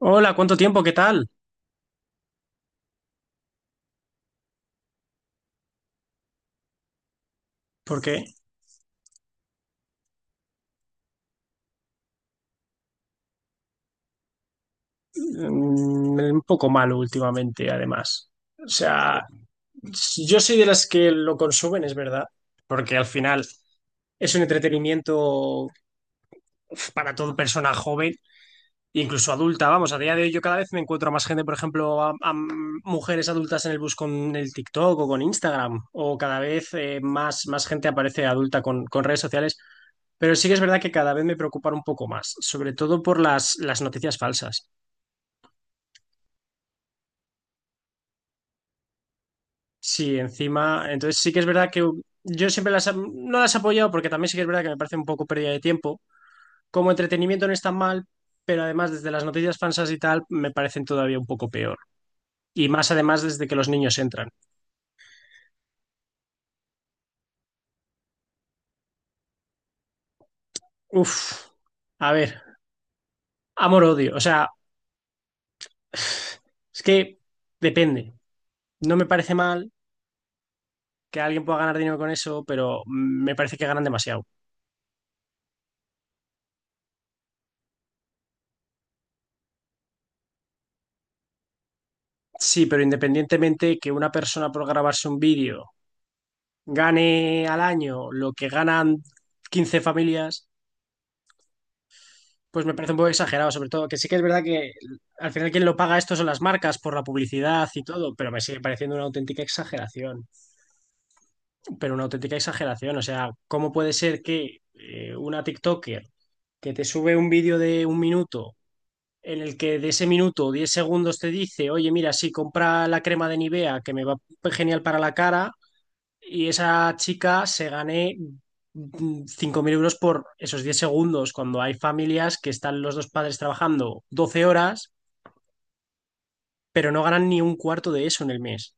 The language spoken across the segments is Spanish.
Hola, ¿cuánto tiempo? ¿Qué tal? Porque un poco malo últimamente, además. O sea, si yo soy de las que lo consumen, es verdad, porque al final es un entretenimiento uf, para toda persona joven, incluso adulta. Vamos, a día de hoy yo cada vez me encuentro a más gente, por ejemplo, a mujeres adultas en el bus con el TikTok o con Instagram, o cada vez más gente aparece adulta con redes sociales. Pero sí que es verdad que cada vez me preocupan un poco más, sobre todo por las noticias falsas. Sí, encima, entonces sí que es verdad que yo siempre las, no las he apoyado porque también sí que es verdad que me parece un poco pérdida de tiempo. Como entretenimiento no es tan mal, pero además desde las noticias falsas y tal me parecen todavía un poco peor. Y más además desde que los niños entran. Uf, a ver, amor-odio. O sea, es que depende. No me parece mal que alguien pueda ganar dinero con eso, pero me parece que ganan demasiado. Sí, pero independientemente que una persona por grabarse un vídeo gane al año lo que ganan 15 familias, pues me parece un poco exagerado, sobre todo que sí que es verdad que al final quien lo paga esto son las marcas por la publicidad y todo, pero me sigue pareciendo una auténtica exageración, pero una auténtica exageración, o sea, ¿cómo puede ser que una TikToker que te sube un vídeo de un minuto en el que de ese minuto 10 segundos te dice, oye, mira, sí, compra la crema de Nivea que me va genial para la cara, y esa chica se gane 5.000 euros por esos 10 segundos, cuando hay familias que están los dos padres trabajando 12 horas, pero no ganan ni un cuarto de eso en el mes?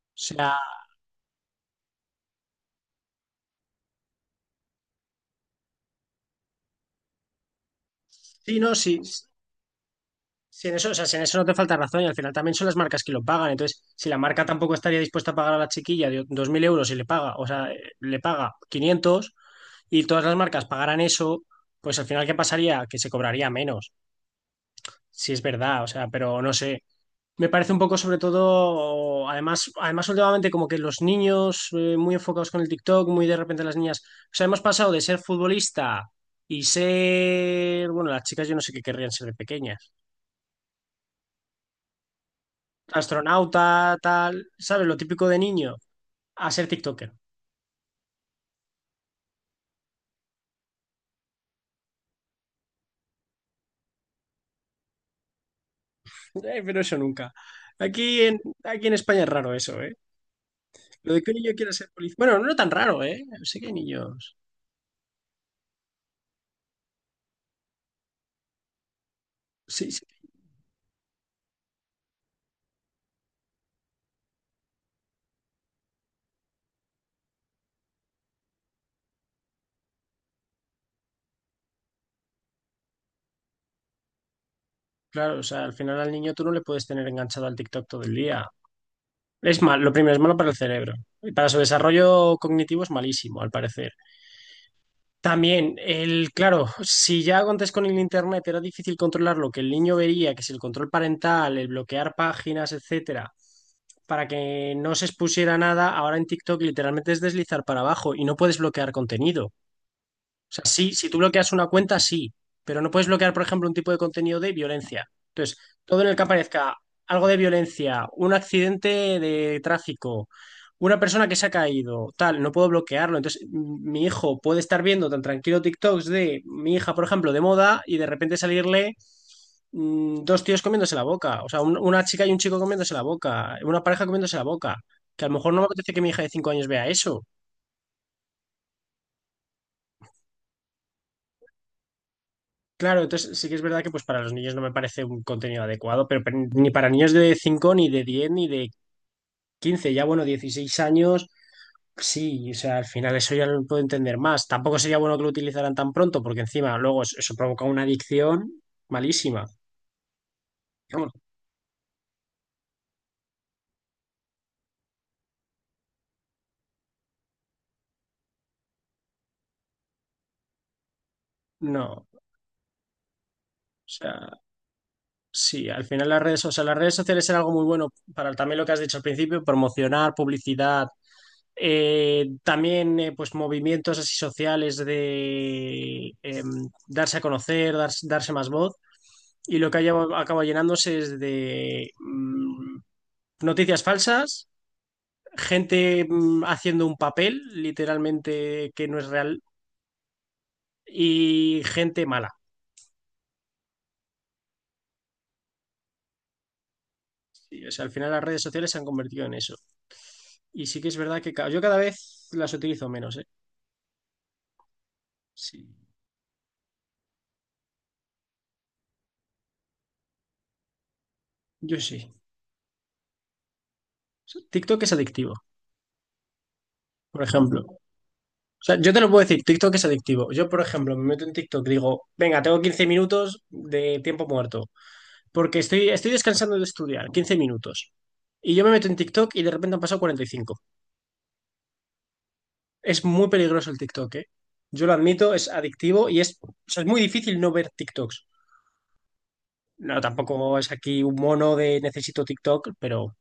O sea, sí, no, sí, sí, en eso, o sea, si en eso no te falta razón y al final también son las marcas que lo pagan. Entonces, si la marca tampoco estaría dispuesta a pagar a la chiquilla de 2.000 euros y le paga, o sea, le paga 500 y todas las marcas pagaran eso, pues al final, ¿qué pasaría? Que se cobraría menos, si es verdad, o sea, pero no sé. Me parece un poco sobre todo, además, además últimamente como que los niños muy enfocados con el TikTok, muy de repente las niñas, o sea, hemos pasado de ser futbolista y ser, bueno, las chicas yo no sé qué querrían ser de pequeñas, astronauta, tal, ¿sabes? Lo típico de niño, a ser TikToker. Pero eso nunca. Aquí en España es raro eso, ¿eh? Lo de que un niño quiera ser policía. Bueno, no tan raro, ¿eh? Sí que hay niños. Sí, sí. Claro, o sea, al final al niño tú no le puedes tener enganchado al TikTok todo el día. Es mal, lo primero es malo para el cerebro. Y para su desarrollo cognitivo es malísimo, al parecer. También, claro, si ya antes con el internet era difícil controlar lo que el niño vería, que si el control parental, el bloquear páginas, etcétera, para que no se expusiera nada, ahora en TikTok literalmente es deslizar para abajo y no puedes bloquear contenido. O sea, sí, si tú bloqueas una cuenta, sí, pero no puedes bloquear, por ejemplo, un tipo de contenido de violencia. Entonces, todo en el que aparezca algo de violencia, un accidente de tráfico, una persona que se ha caído, tal, no puedo bloquearlo. Entonces, mi hijo puede estar viendo tan tranquilo TikToks de mi hija, por ejemplo, de moda y de repente salirle dos tíos comiéndose la boca, o sea, una chica y un chico comiéndose la boca, una pareja comiéndose la boca, que a lo mejor no me apetece que mi hija de 5 años vea eso. Claro, entonces sí que es verdad que pues para los niños no me parece un contenido adecuado, pero ni para niños de 5, ni de 10, ni de 15, ya bueno, 16 años, sí, o sea, al final eso ya lo puedo entender más. Tampoco sería bueno que lo utilizaran tan pronto, porque encima luego eso provoca una adicción malísima. Vamos, no, o sea, sí, al final las redes, o sea, las redes sociales eran algo muy bueno para también lo que has dicho al principio, promocionar, publicidad, también pues movimientos así sociales de darse a conocer, darse más voz. Y lo que acaba llenándose es de noticias falsas, gente haciendo un papel literalmente que no es real y gente mala. O sea, al final las redes sociales se han convertido en eso. Y sí que es verdad que yo cada vez las utilizo menos, ¿eh? Sí, yo sí. TikTok es adictivo, por ejemplo. O sea, yo te lo puedo decir, TikTok es adictivo. Yo, por ejemplo, me meto en TikTok y digo, venga, tengo 15 minutos de tiempo muerto, porque estoy descansando de estudiar, 15 minutos. Y yo me meto en TikTok y de repente han pasado 45. Es muy peligroso el TikTok, ¿eh? Yo lo admito, es adictivo y es, o sea, es muy difícil no ver TikToks. No, tampoco es aquí un mono de necesito TikTok, pero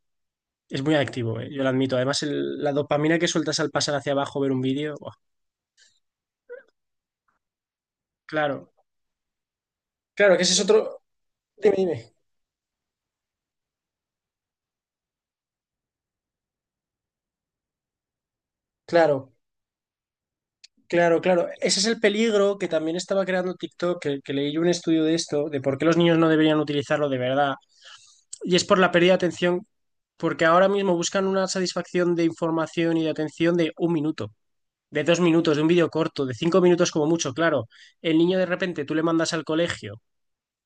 es muy adictivo, ¿eh? Yo lo admito. Además, la dopamina que sueltas al pasar hacia abajo, ver un vídeo, ¡buah! Claro. Claro, que ese es otro... Dime, dime. Claro. Claro, claro. Ese es el peligro que también estaba creando TikTok, que leí yo un estudio de esto, de por qué los niños no deberían utilizarlo de verdad. Y es por la pérdida de atención, porque ahora mismo buscan una satisfacción de información y de atención de un minuto, de 2 minutos, de un vídeo corto, de 5 minutos como mucho, claro. El niño de repente tú le mandas al colegio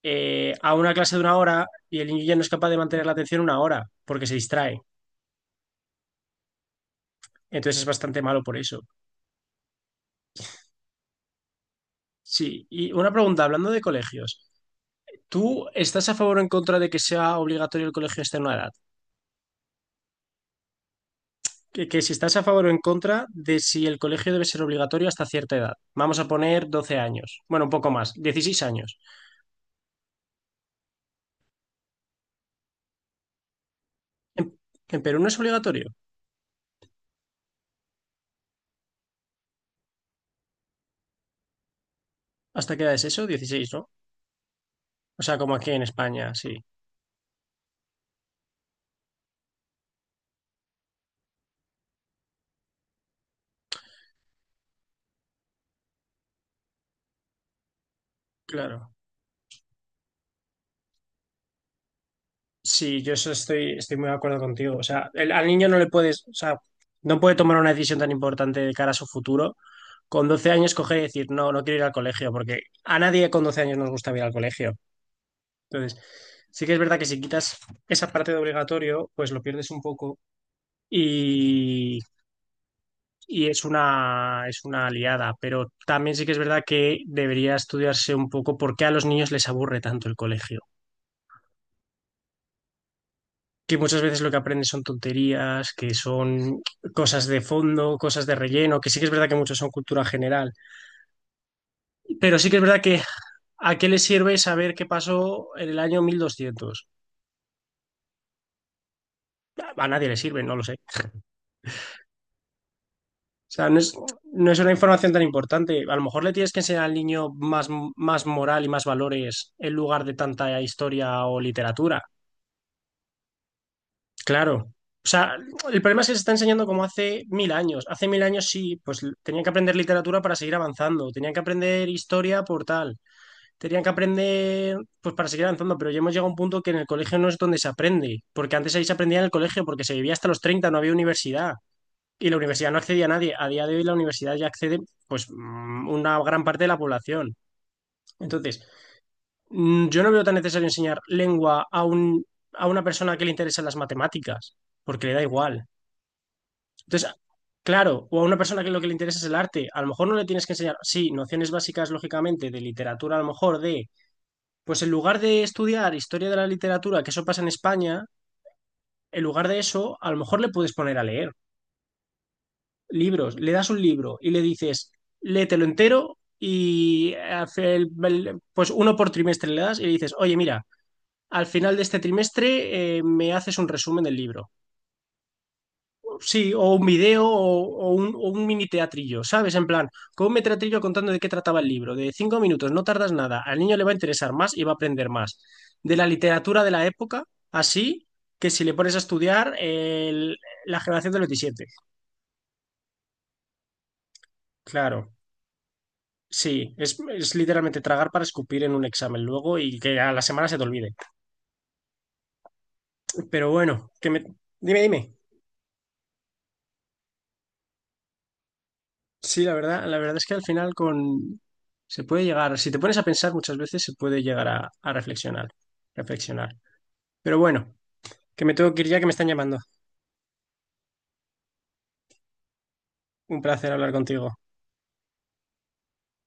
a una clase de una hora y el niño ya no es capaz de mantener la atención una hora porque se distrae. Entonces es bastante malo por eso. Sí, y una pregunta, hablando de colegios. ¿Tú estás a favor o en contra de que sea obligatorio el colegio hasta una edad? Que si estás a favor o en contra de si el colegio debe ser obligatorio hasta cierta edad. Vamos a poner 12 años. Bueno, un poco más, 16 años. En, en Perú no es obligatorio. ¿Hasta qué edad es eso? 16, ¿no? O sea, como aquí en España, sí, claro. Sí, yo eso estoy muy de acuerdo contigo. O sea, al niño no le puedes, o sea, no puede tomar una decisión tan importante de cara a su futuro. Con 12 años coger y decir, no, no quiero ir al colegio, porque a nadie con 12 años nos gusta ir al colegio. Entonces, sí que es verdad que si quitas esa parte de obligatorio, pues lo pierdes un poco y, y es una liada. Pero también sí que es verdad que debería estudiarse un poco por qué a los niños les aburre tanto el colegio. Que muchas veces lo que aprendes son tonterías, que son cosas de fondo, cosas de relleno, que sí que es verdad que muchos son cultura general. Pero sí que es verdad que, ¿a qué le sirve saber qué pasó en el año 1200? A nadie le sirve, no lo sé. O sea, no es una información tan importante. A lo mejor le tienes que enseñar al niño más, moral y más valores en lugar de tanta historia o literatura. Claro. O sea, el problema es que se está enseñando como hace mil años. Hace mil años sí, pues tenían que aprender literatura para seguir avanzando, tenían que aprender historia por tal, tenían que aprender pues para seguir avanzando, pero ya hemos llegado a un punto que en el colegio no es donde se aprende, porque antes ahí se aprendía en el colegio, porque se vivía hasta los 30, no había universidad. Y la universidad no accedía a nadie. A día de hoy la universidad ya accede, pues, una gran parte de la población. Entonces, yo no veo tan necesario enseñar lengua a un, a una persona que le interesan las matemáticas, porque le da igual. Entonces, claro, o a una persona que lo que le interesa es el arte, a lo mejor no le tienes que enseñar, sí, nociones básicas, lógicamente, de literatura, a lo mejor de, pues en lugar de estudiar historia de la literatura, que eso pasa en España, en lugar de eso, a lo mejor le puedes poner a leer. Libros, le das un libro y le dices, léetelo entero y hace pues uno por trimestre le das y le dices, oye, mira, al final de este trimestre me haces un resumen del libro. Sí, o un video o, o un mini teatrillo, ¿sabes? En plan, con un mini teatrillo contando de qué trataba el libro, de 5 minutos, no tardas nada, al niño le va a interesar más y va a aprender más. De la literatura de la época, así que si le pones a estudiar la generación del 27. Claro. Sí, es literalmente tragar para escupir en un examen luego y que a la semana se te olvide. Pero bueno, que me... Dime, dime. Sí, la verdad es que al final con... Se puede llegar, si te pones a pensar muchas veces, se puede llegar a reflexionar, reflexionar. Pero bueno, que me tengo que ir ya que me están llamando. Un placer hablar contigo.